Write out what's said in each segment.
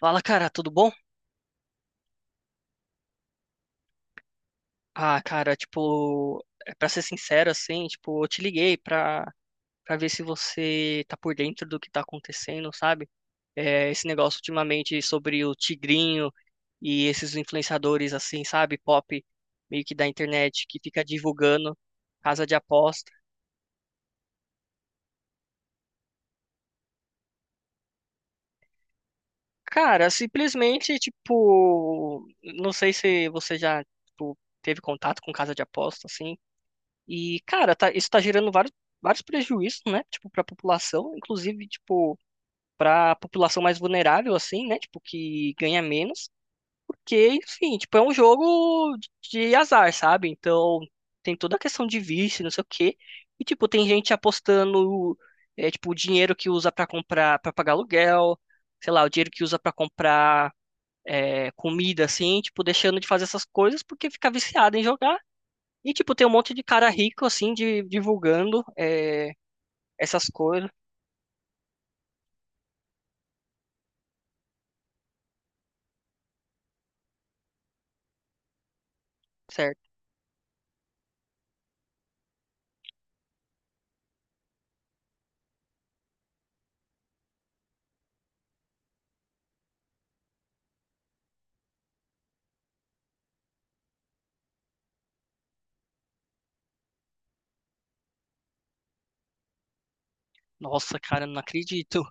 Fala, cara, tudo bom? Ah, cara, tipo, é pra ser sincero, assim, tipo, eu te liguei pra, pra ver se você tá por dentro do que tá acontecendo, sabe? É, esse negócio ultimamente sobre o Tigrinho e esses influenciadores, assim, sabe? Pop, meio que da internet, que fica divulgando casa de aposta. Cara, simplesmente, tipo, não sei se você já, tipo, teve contato com casa de aposta, assim. E, cara, isso tá gerando vários, vários prejuízos, né? Tipo, pra população, inclusive, tipo, pra população mais vulnerável, assim, né? Tipo, que ganha menos. Porque, enfim, tipo, é um jogo de azar, sabe? Então, tem toda a questão de vício, não sei o quê. E, tipo, tem gente apostando, é, tipo, o dinheiro que usa pra comprar, pra pagar aluguel, sei lá, o dinheiro que usa pra comprar, é, comida assim, tipo, deixando de fazer essas coisas porque fica viciado em jogar e, tipo, tem um monte de cara rico, assim, de, divulgando, é, essas coisas, certo? Nossa, cara, não acredito.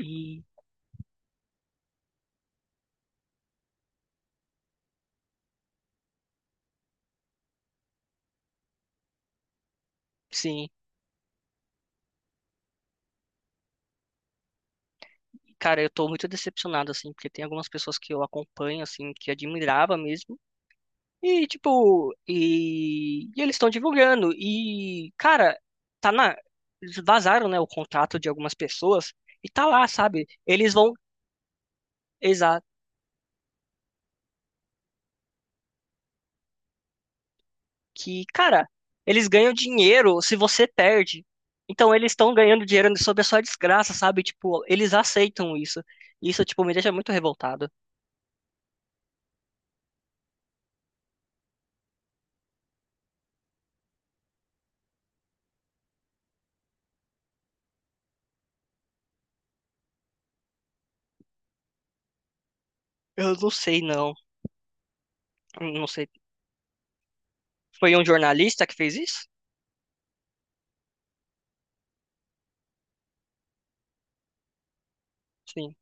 E, sim, cara, eu tô muito decepcionado, assim, porque tem algumas pessoas que eu acompanho, assim, que admirava mesmo. E, tipo, e eles estão divulgando. E, cara, tá na. Eles vazaram, né, o contrato de algumas pessoas. E tá lá, sabe? Eles vão. Exato. Que, cara, eles ganham dinheiro se você perde. Então eles estão ganhando dinheiro sob a sua desgraça, sabe? Tipo, eles aceitam isso. Isso, tipo, me deixa muito revoltado. Eu não sei, não. Não sei. Foi um jornalista que fez isso? Sim.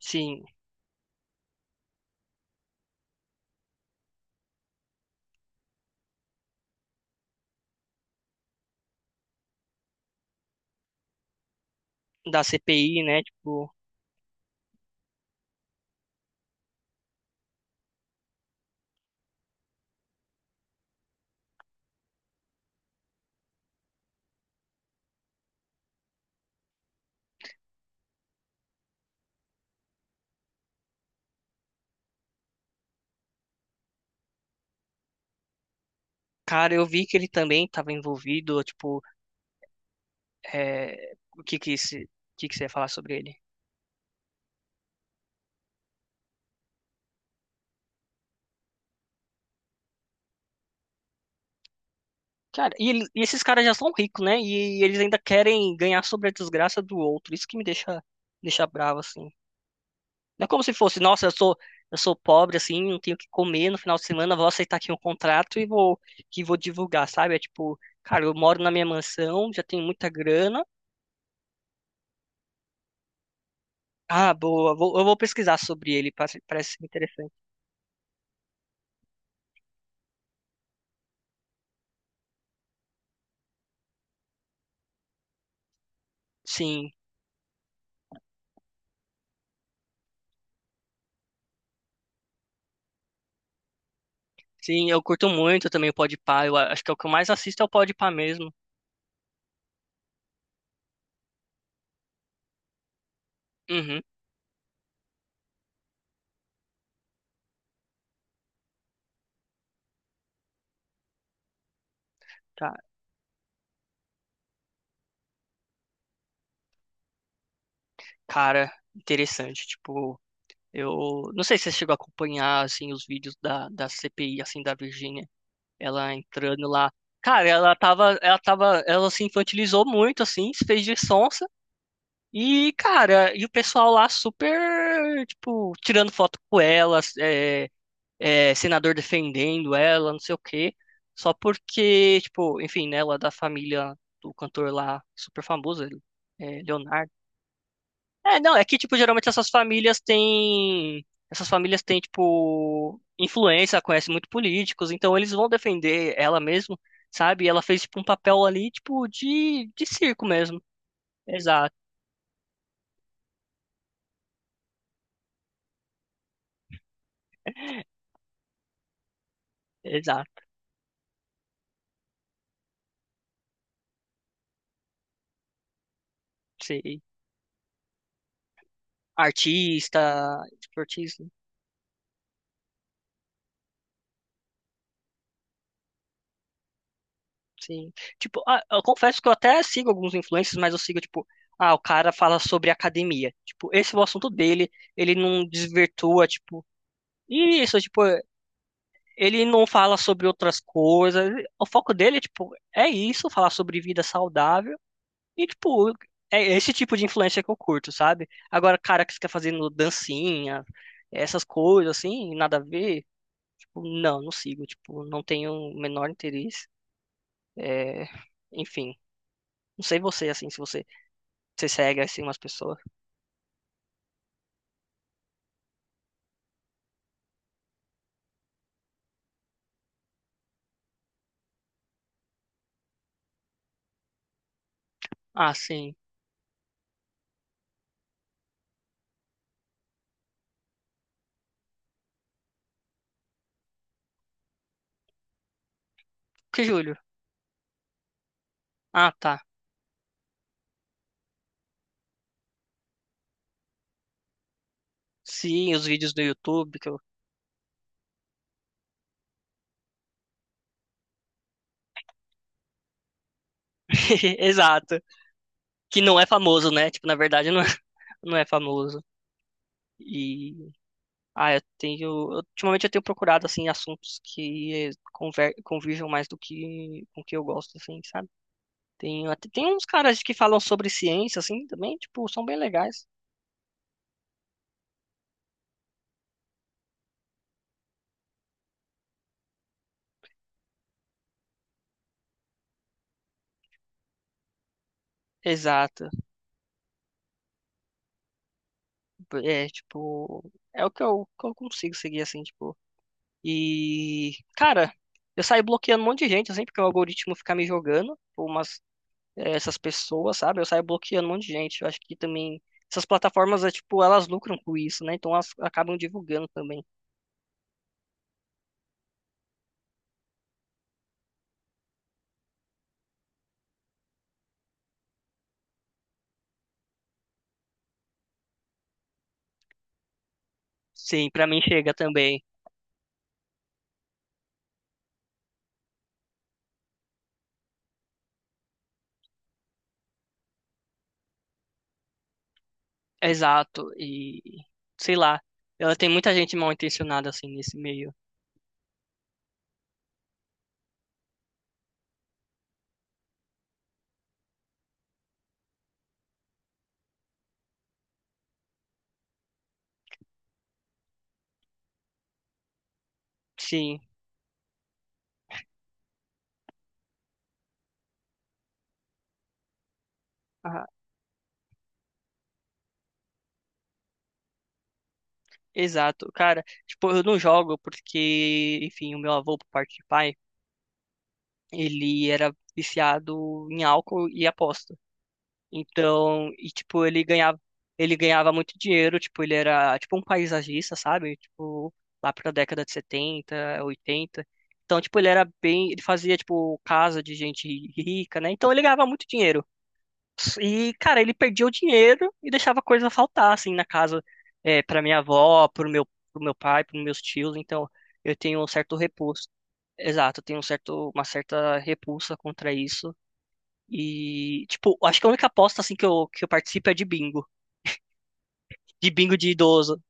Sim. Da CPI, né? Tipo, cara, eu vi que ele também estava envolvido. Tipo, é... o que que você ia falar sobre ele? Cara, e, e esses caras já são ricos, né? E, eles ainda querem ganhar sobre a desgraça do outro. Isso que me deixa, deixa bravo, assim. Não é como se fosse, nossa, eu sou pobre, assim, não tenho o que comer no final de semana, vou aceitar aqui um contrato e vou, que vou divulgar, sabe? É tipo, cara, eu moro na minha mansão, já tenho muita grana. Ah, boa, eu vou pesquisar sobre ele, parece, parece interessante. Sim, sim, eu curto muito também o Podpah, eu acho que é o que eu mais assisto é o Podpah mesmo. Uhum, tá. Cara, interessante, tipo, eu não sei se você chegou a acompanhar, assim, os vídeos da CPI, assim, da Virgínia. Ela entrando lá. Cara, ela tava, ela se infantilizou muito, assim, se fez de sonsa. E, cara, e o pessoal lá super, tipo, tirando foto com ela, é, senador defendendo ela, não sei o quê. Só porque, tipo, enfim, né, ela é da família do cantor lá, super famoso, ele, é, Leonardo. É, não, é que, tipo, geralmente essas famílias têm. Essas famílias têm, tipo, influência, conhecem muito políticos, então eles vão defender ela mesmo, sabe? E ela fez, tipo, um papel ali, tipo, de circo mesmo. Exato, exato, sim. Artista, tipo, artista, sim. Tipo, ah, eu confesso que eu até sigo alguns influencers, mas eu sigo, tipo, ah, o cara fala sobre academia. Tipo, esse é o assunto dele, ele não desvirtua, tipo. Isso, tipo, ele não fala sobre outras coisas. O foco dele, tipo, é isso, falar sobre vida saudável. E, tipo, é esse tipo de influência que eu curto, sabe? Agora, cara que fica fazendo dancinha, essas coisas, assim, nada a ver. Tipo, não, não sigo. Tipo, não tenho o menor interesse. É, enfim, não sei você, assim, se você, você segue, assim, umas pessoas. Ah, sim. Que Júlio? Ah, tá. Sim, os vídeos do YouTube. Que eu... Exato. Que não é famoso, né? Tipo, na verdade, não é famoso. E ah, eu tenho, ultimamente eu tenho procurado assim assuntos que convirjam mais do que com o que eu gosto assim, sabe? Tem até tem uns caras que falam sobre ciência assim também, tipo, são bem legais. Exato. É, tipo, é o que que eu consigo seguir assim, tipo. E cara, eu saio bloqueando um monte de gente assim porque o algoritmo fica me jogando por umas essas pessoas, sabe? Eu saio bloqueando um monte de gente. Eu acho que também essas plataformas, é, tipo, elas lucram com isso, né? Então elas acabam divulgando também. Sim, pra mim chega também. Exato. E sei lá, ela tem muita gente mal intencionada assim nesse meio. Sim. Ah, exato. Cara, tipo, eu não jogo porque, enfim, o meu avô por parte de pai, ele era viciado em álcool e aposta. Então, e tipo, ele ganhava muito dinheiro, tipo, ele era tipo um paisagista, sabe? Tipo, lá pra década de 70 80. Então, tipo, ele era bem, ele fazia tipo casa de gente rica, né? Então ele ganhava muito dinheiro. E, cara, ele perdia o dinheiro e deixava coisa faltar assim na casa, é, para minha avó, pro meu pai, pros meus tios, então eu tenho um certo repulso. Exato, eu tenho um certo, uma certa repulsa contra isso. E, tipo, acho que a única aposta, assim, que eu participo é de bingo. De bingo de idoso.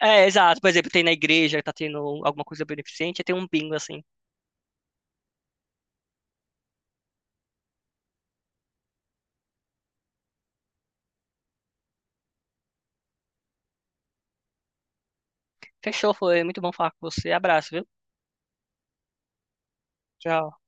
É, exato. Por exemplo, tem na igreja, tá tendo alguma coisa beneficente, tem um bingo, assim. Fechou, foi muito bom falar com você. Abraço, viu? Tchau.